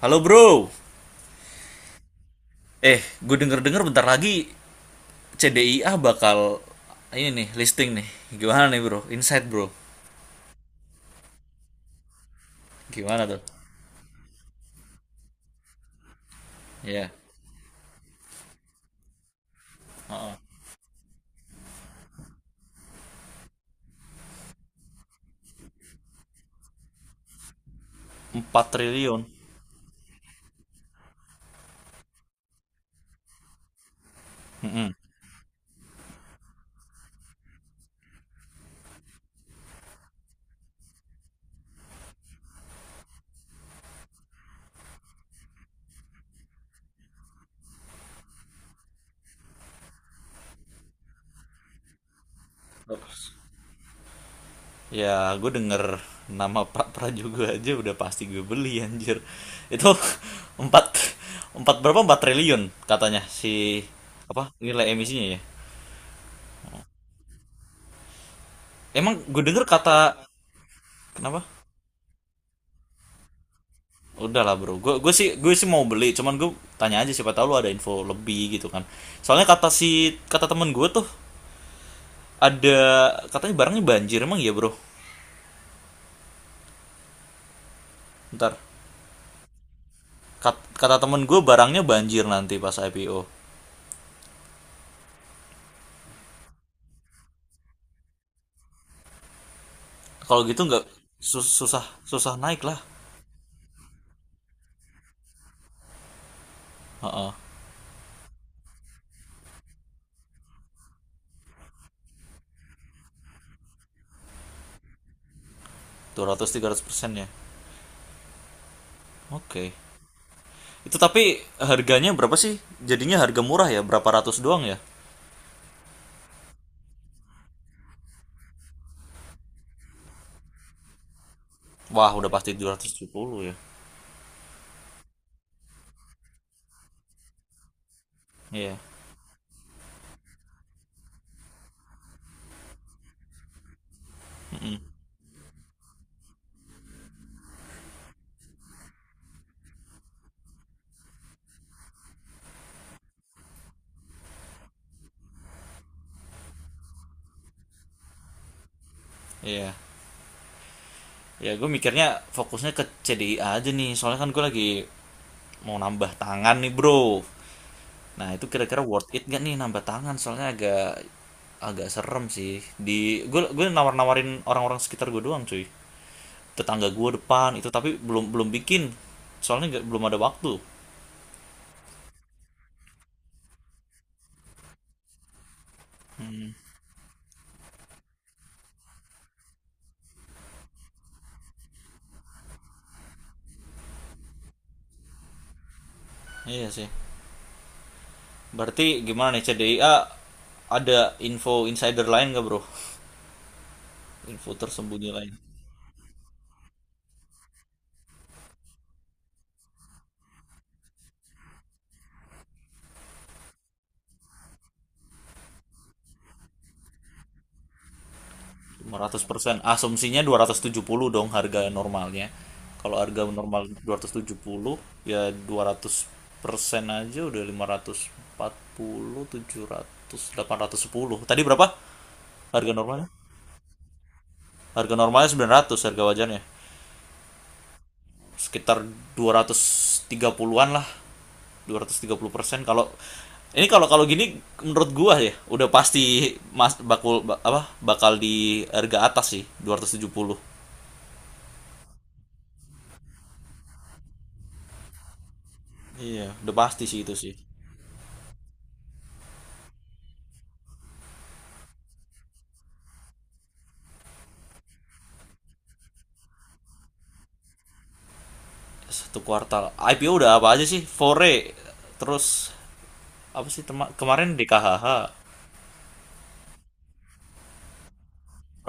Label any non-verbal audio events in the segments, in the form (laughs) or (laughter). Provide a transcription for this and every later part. Halo bro. Eh, gue denger-denger bentar lagi C D I CDIA bakal ini nih listing nih. Gimana nih bro? Insight bro. Gimana tuh? Ya. Empat triliun. Mm-mm. Ya, gue denger nama Pak Prajugo aja udah pasti gue beli anjir. Itu (laughs) 4 4 berapa? Empat triliun katanya si apa? Nilai emisinya ya. Emang gue denger kata kenapa? Udah lah bro, gue sih mau beli, cuman gue tanya aja siapa tahu lu ada info lebih gitu kan. Soalnya kata si kata temen gue tuh ada katanya barangnya banjir emang ya bro. Ntar kata temen gue barangnya banjir nanti pas IPO. Kalau gitu nggak susah susah naik lah. Heeh, 200-300 persen ya. Oke. Itu tapi harganya berapa sih? Jadinya harga murah ya, berapa ratus doang ya? Wah udah pasti dua ratus tujuh puluh ya. Iya, iya. Ya gue mikirnya fokusnya ke C D I aja nih soalnya kan gue lagi mau nambah tangan nih bro, nah itu kira-kira worth it gak nih nambah tangan soalnya agak agak serem sih di gue nawar-nawarin orang-orang sekitar gue doang cuy, tetangga gue depan itu, tapi belum belum bikin soalnya belum ada waktu. Iya sih, berarti gimana nih C D I a, ada info insider lain gak bro, info tersembunyi lain. Lima ratus persen asumsinya dua ratus tujuh puluh dong harga normalnya. Kalau harga normal dua ratus tujuh puluh ya dua ratus persen aja udah lima ratus ratus empat puluh tujuh ratus, delapan ratus sepuluh tadi berapa harga normalnya. Harga normalnya sembilan ratus, harga wajarnya sekitar dua ratus tiga puluhan lah, 230% kalau ini. Kalau kalau gini menurut gua ya udah pasti mas bakul ba- apa bakal di harga atas sih dua ratus tujuh puluh. Iya, udah pasti sih itu sih. Satu kuartal. I P IPO udah apa aja sih? Fore, terus apa sih kemarin D K H H.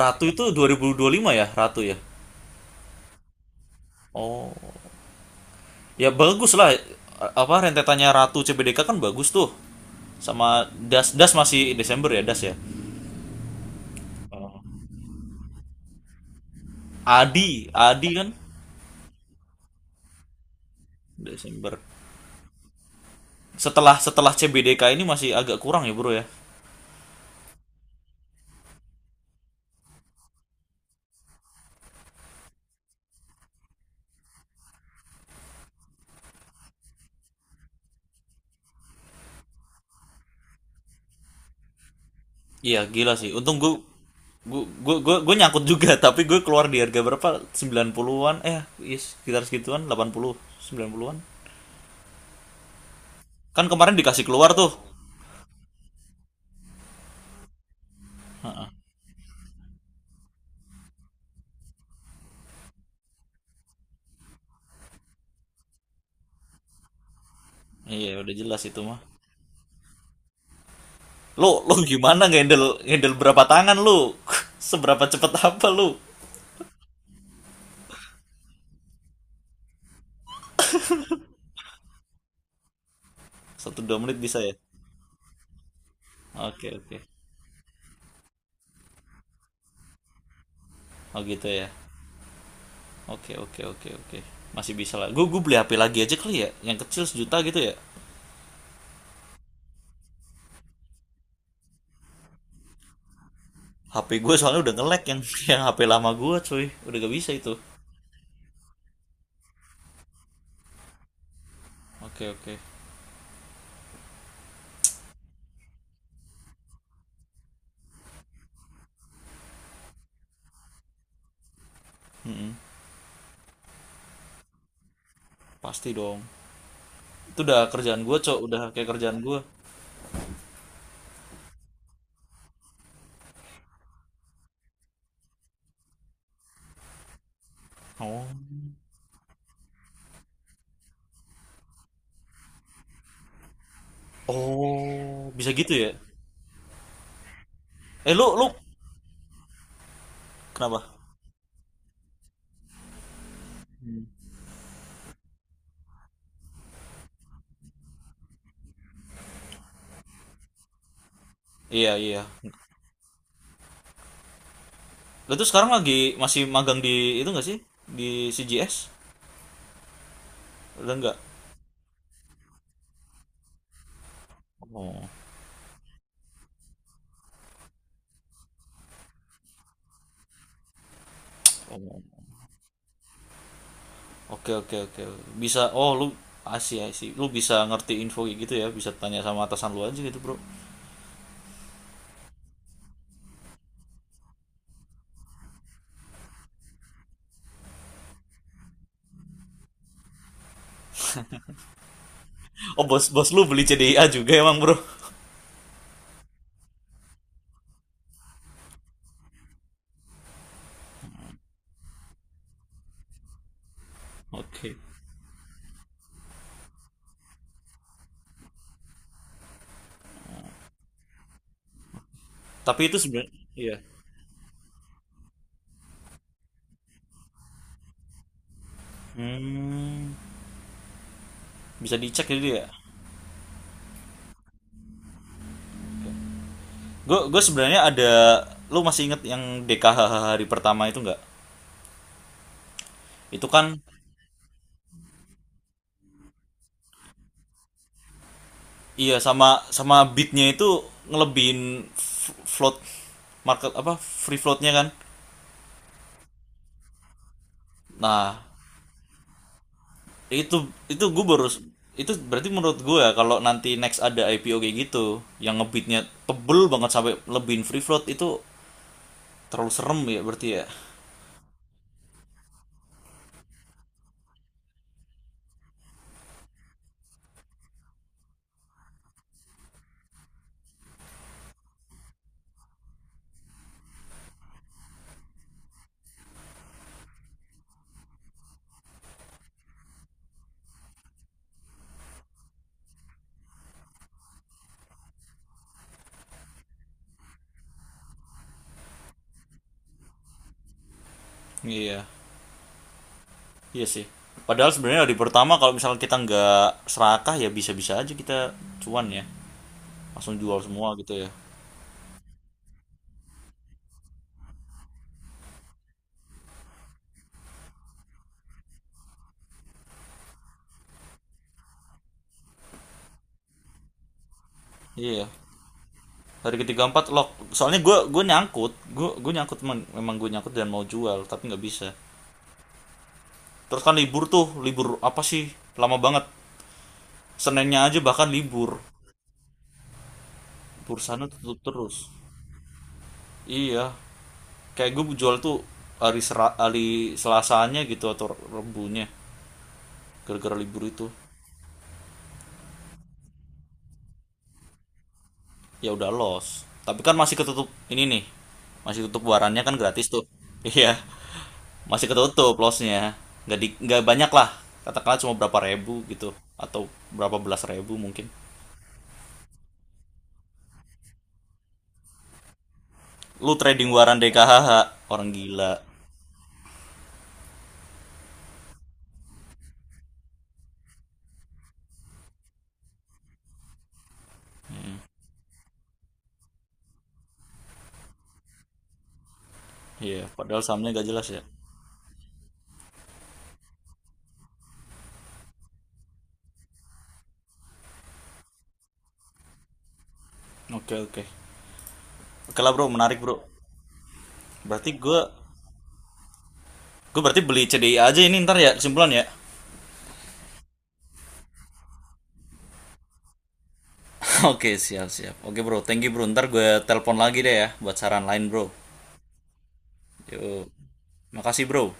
Ratu itu dua 2025 ya, Ratu ya. Oh. Ya bagus lah. Apa rentetannya Ratu C B D K kan bagus tuh. Sama Das, Das masih Desember ya, Das ya. Oh. Adi, Adi kan Desember. Setelah setelah C B D K ini masih agak kurang ya, Bro ya. Iya gila sih. Untung gue, gue nyangkut juga (laughs) tapi gue keluar di harga berapa? 90-an eh iya, sekitar segituan 80 90-an. Kan kemarin dikasih keluar tuh. Iya udah jelas itu mah. Lu lu gimana ngehandle ngehandle berapa tangan lu? (laughs) Seberapa cepet apa lu? Satu dua menit bisa ya? Oke oke. Oh gitu ya. Oke oke oke oke. Masih bisa lah. Gue beli HP lagi aja kali ya. Yang kecil sejuta gitu ya. HP gue soalnya udah nge-lag yang (laughs) yang HP lama gue cuy. Udah gak bisa itu. Oke oke. Mm-mm. Pasti dong. Itu udah kerjaan gue, cok. Udah kayak kerjaan gue. Oh, oh, bisa gitu ya? Eh lu lu kenapa? Iya iya. Lu tuh sekarang lagi masih magang di itu nggak sih? Di CGS? Udah nggak? Oh, oh. Oke oke oke. Bisa. Oh lu asih asih. Lu bisa ngerti info kayak gitu ya? Bisa tanya sama atasan lu aja gitu bro. Oh bos bos lu beli CDIA juga emang bro? Oke. Tapi itu sebenarnya. Iya. Hmm, bisa dicek jadi ya? Gue sebenarnya ada, lu masih inget yang DKHH hari pertama itu nggak? Itu kan iya, sama sama beatnya itu ngelebihin float market apa free floatnya kan. Nah itu itu gue baru itu, berarti menurut gue ya, kalau nanti next ada IPO kayak gitu yang ngebeatnya tebel banget sampai lebihin free float itu terlalu serem ya berarti ya. Iya iya sih. Padahal sebenarnya hari pertama kalau misalnya kita nggak serakah ya bisa-bisa aja kita cuan ya, langsung jual semua gitu ya. Iya hari ketiga empat lock, soalnya gue nyangkut, gue nyangkut memang, memang gue nyangkut dan mau jual tapi nggak bisa. Terus kan libur tuh, libur apa sih, lama banget, senennya aja bahkan libur, bursanya tutup terus. Iya kayak gue jual tuh hari sera, hari selasanya gitu atau rebunya, gara-gara libur itu. Ya udah los tapi kan masih ketutup ini nih, masih tutup warannya kan gratis tuh. Iya masih ketutup lossnya, nggak nggak banyak lah, katakanlah cuma berapa ribu gitu atau berapa belas ribu mungkin. Lu trading waran DKHH, orang gila, iya padahal sahamnya nggak jelas ya. Oke okay, oke okay. Oke lah bro, menarik bro. Berarti gua, gue berarti beli CDI aja ini ntar ya, kesimpulan ya. (laughs) Oke okay, siap siap oke okay, bro thank you bro, ntar gue telepon lagi deh ya buat saran lain bro. Yuk, makasih bro.